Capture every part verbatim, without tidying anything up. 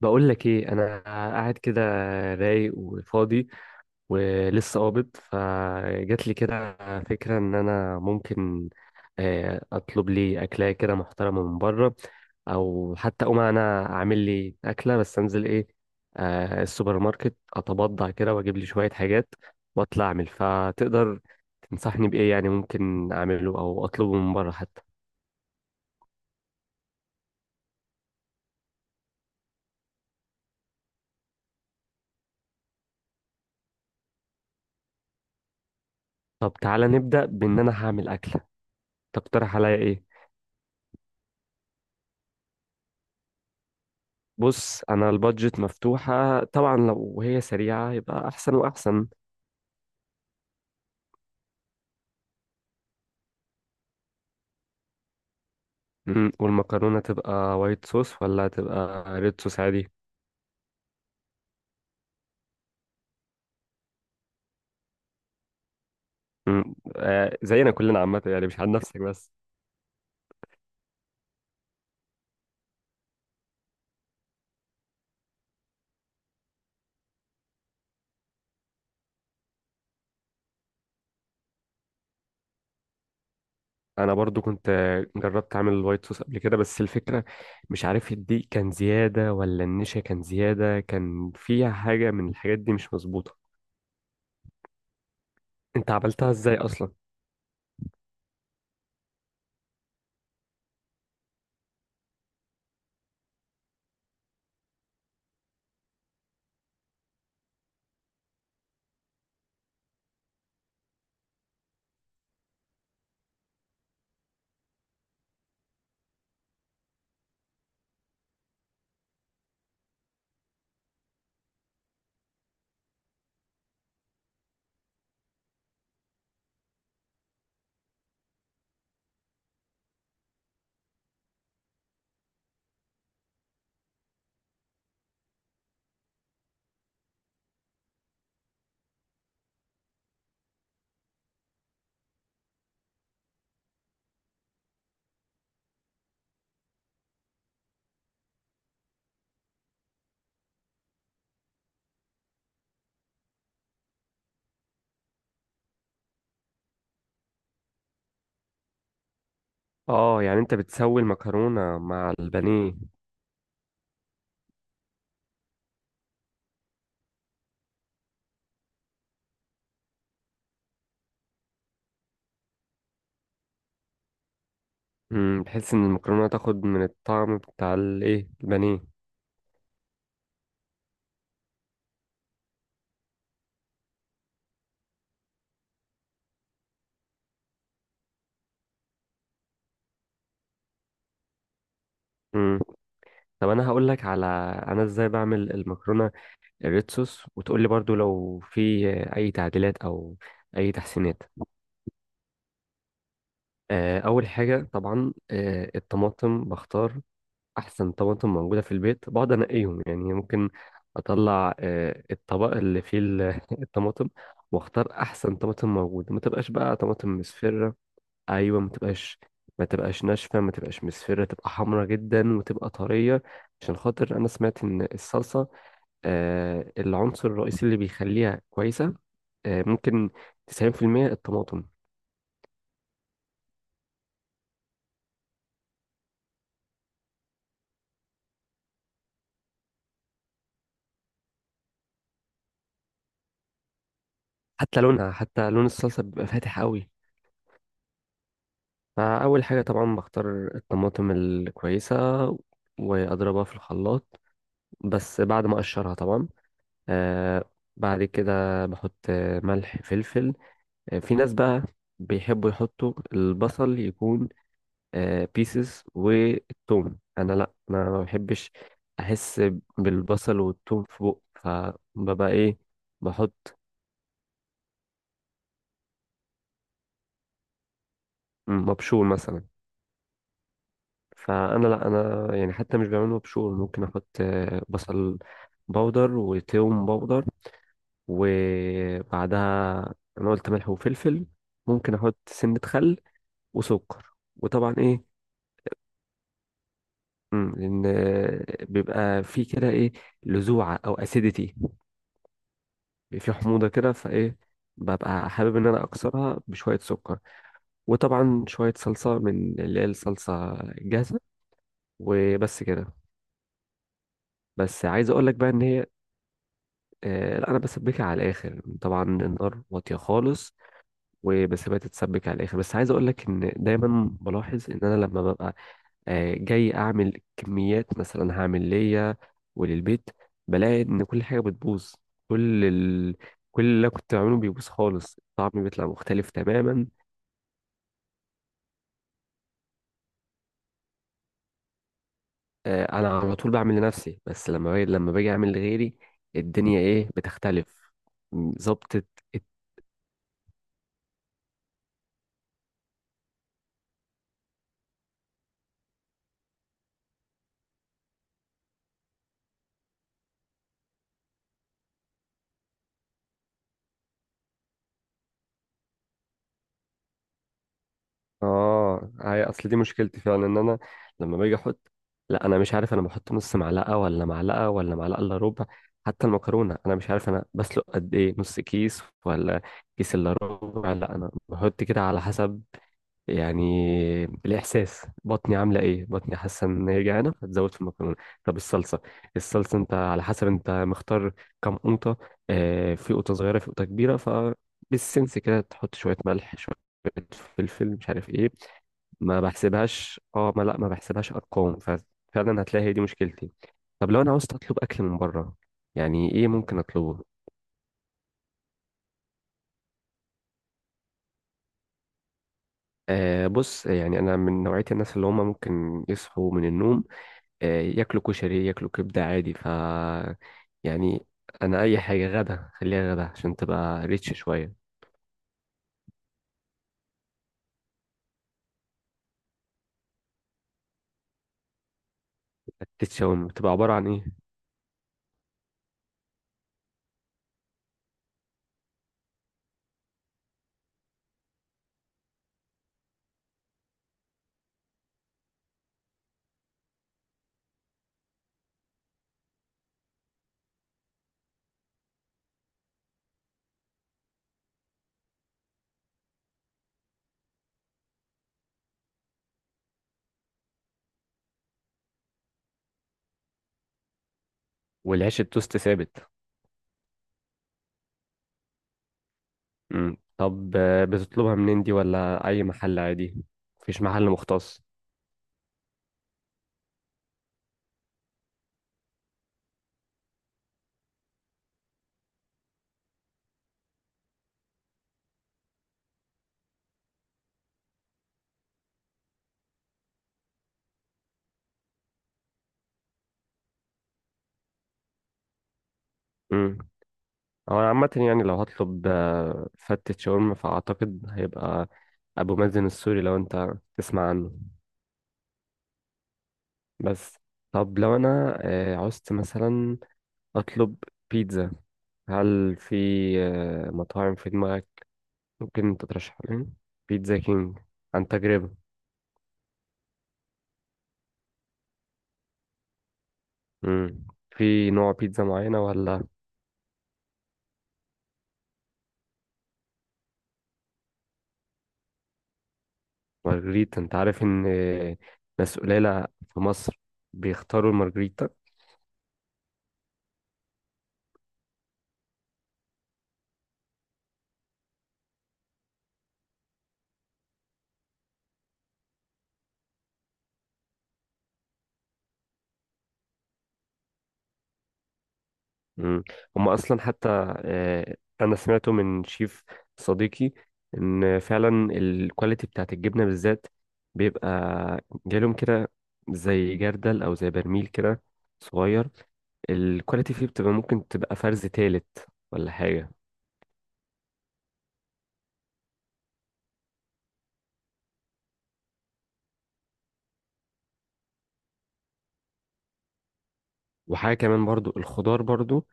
بقول لك ايه، انا قاعد كده رايق وفاضي، ولسه قابض. فجات لي كده فكره ان انا ممكن آه، اطلب لي اكله كده محترمه من بره، او حتى اقوم انا اعمل لي اكله، بس انزل ايه آه، السوبر ماركت، اتبضع كده واجيب لي شويه حاجات واطلع اعمل. فتقدر تنصحني بايه؟ يعني ممكن اعمله او اطلبه من بره حتى؟ طب تعالى نبدا بان انا هعمل اكله، تقترح عليا ايه؟ بص، انا البادجت مفتوحة طبعا، لو هي سريعة يبقى احسن واحسن. مم. والمكرونة تبقى وايت صوص ولا تبقى ريد صوص عادي؟ مم. آه، زينا كلنا عامة، يعني مش عن نفسك بس. انا برضو كنت جربت اعمل الوايت صوص قبل كده، بس الفكرة مش عارف الدقيق كان زيادة ولا النشا كان زيادة، كان فيها حاجة من الحاجات دي مش مظبوطة. انت عملتها ازاي اصلا؟ اه يعني انت بتسوي المكرونة مع البانيه؟ امم، بحيث ان المكرونه تاخد من الطعم بتاع الايه البانيه. امم. طب انا هقول لك على انا ازاي بعمل المكرونه الريد صوص، وتقول لي برضو لو في اي تعديلات او اي تحسينات. آه، اول حاجه طبعا آه، الطماطم، بختار احسن طماطم موجوده في البيت، بقعد انقيهم، يعني ممكن اطلع آه، الطبق اللي فيه ال- الطماطم، واختار احسن طماطم موجوده، ما تبقاش بقى طماطم مصفرة. ايوه، ما تبقاش، ما تبقاش ناشفه، ما تبقاش مصفره، تبقى حمرا جدا وتبقى طريه. عشان خاطر انا سمعت ان الصلصه آه العنصر الرئيسي اللي بيخليها كويسه، آه ممكن تسعين في المئة الطماطم. حتى لونها، حتى لون الصلصه بيبقى فاتح قوي. فاول حاجه طبعا بختار الطماطم الكويسه واضربها في الخلاط، بس بعد ما اقشرها طبعا. آه بعد كده بحط ملح فلفل. في ناس بقى بيحبوا يحطوا البصل يكون بيسز والثوم، انا لا، انا ما بحبش احس بالبصل والثوم في بق، فببقى ايه بحط مبشور مثلا. فانا لا، انا يعني حتى مش بعمل مبشور، ممكن احط آه، بصل بودر وثوم بودر. وبعدها انا قلت ملح وفلفل، ممكن احط سنة خل وسكر، وطبعا ايه. امم، لان بيبقى في كده ايه، لذوعه او اسيديتي، في حموضه كده، فايه ببقى حابب ان انا اكسرها بشويه سكر. وطبعا شويه صلصه من اللي هي الصلصه الجاهزه، وبس كده. بس عايز اقول لك بقى ان هي آه، لا انا بسبكها على الاخر طبعا، النار واطيه خالص وبسيبها تتسبك على الاخر. بس عايز اقول لك ان دايما بلاحظ ان انا لما ببقى آه، جاي اعمل كميات، مثلا هعمل ليا وللبيت، بلاقي ان كل حاجه بتبوظ. كل ال... كل اللي أنا كنت بعمله بيبوظ خالص، الطعم بيطلع مختلف تماما. آه، انا على طول بعمل لنفسي، بس لما باجي لما باجي اعمل لغيري الدنيا ايه بتختلف. م- ظبطت. اه، هي اصل دي مشكلتي فعلا، ان انا لما باجي احط، لا انا مش عارف، انا بحط نص معلقه ولا معلقه ولا معلقه الا ربع. حتى المكرونه، انا مش عارف انا بسلق قد ايه، نص كيس ولا كيس الا ربع، لا انا بحط كده على حسب يعني الاحساس. بطني عامله ايه، بطني حاسه ان هي جعانه فتزود في المكرونه. طب الصلصه، الصلصه انت على حسب انت مختار كم قوطه، آه، في قوطه صغيره في قوطه كبيره، فبالسنس كده تحط شويه ملح شويه فلفل مش عارف ايه، ما بحسبهاش. اه، ما لا، ما بحسبهاش ارقام، ففعلا هتلاقي هي دي مشكلتي. طب لو انا عاوز اطلب اكل من بره، يعني ايه ممكن اطلبه؟ آه بص، يعني انا من نوعيه الناس اللي هم ممكن يصحوا من النوم آه ياكلوا كشري ياكلوا كبده عادي، ف يعني انا اي حاجه غدا خليها غدا عشان تبقى ريتش شويه. التتشاوم بتبقى عباره عن ايه؟ والعيش التوست ثابت؟ مم. طب آه، بتطلبها منين دي؟ ولا اي محل عادي، مفيش محل مختص؟ مم. هو عامة يعني لو هطلب آه، فتة شاورما، فأعتقد هيبقى أبو مازن السوري، لو أنت تسمع عنه. بس، طب لو أنا آه، عوزت مثلا أطلب بيتزا، هل في آه، مطاعم في دماغك ممكن تترشح لي؟ بيتزا كينج، عن تجربة؟ مم. في نوع بيتزا معينة ولا؟ مارجريتا، أنت عارف إن آه، ناس قليلة في مصر بيختاروا المارجريتا. مم. هم اصلا حتى آه، انا سمعته من شيف صديقي، ان فعلا الكواليتي بتاعت الجبنه بالذات بيبقى جالهم كده زي جردل او زي برميل كده صغير، الكواليتي فيه بتبقى ممكن تبقى فرز تالت ولا حاجه. وحاجه كمان برضو الخضار برضو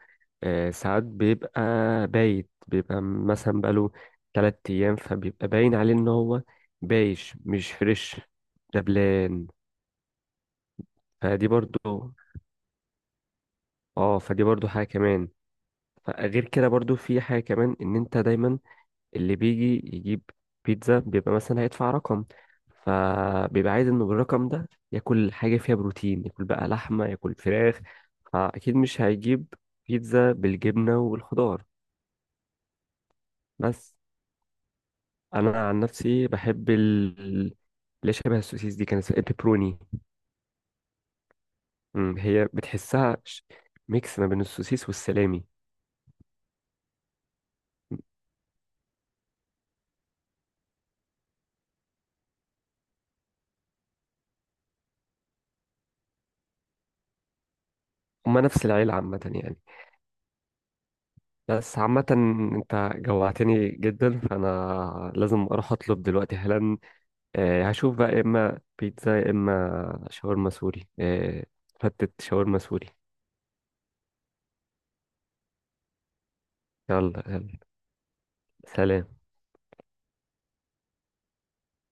آه، ساعات بيبقى بايت، بيبقى مثلا بقاله تلات ايام، فبيبقى باين عليه ان هو بايش مش فريش، دبلان. فدي برضو. اه، فدي برضو حاجة كمان. فغير كده برضو في حاجة كمان، ان انت دايما اللي بيجي يجيب بيتزا بيبقى مثلا هيدفع رقم، فبيبقى عايز انه بالرقم ده ياكل حاجة فيها بروتين، ياكل بقى لحمة ياكل فراخ، فأكيد مش هيجيب بيتزا بالجبنة والخضار. بس أنا عن نفسي بحب ال اللي شبه السوسيس دي، كانت اسمها بيبروني. هي بتحسها ش- ميكس ما بين السوسيس والسلامي. هما نفس العيلة عامة يعني. بس عامة، انت جوعتني جدا، فانا لازم اروح اطلب دلوقتي حالا. آه، هشوف بقى يا اما بيتزا يا اما شاورما سوري آه، فتت شاورما سوري. يلا يلا، سلام.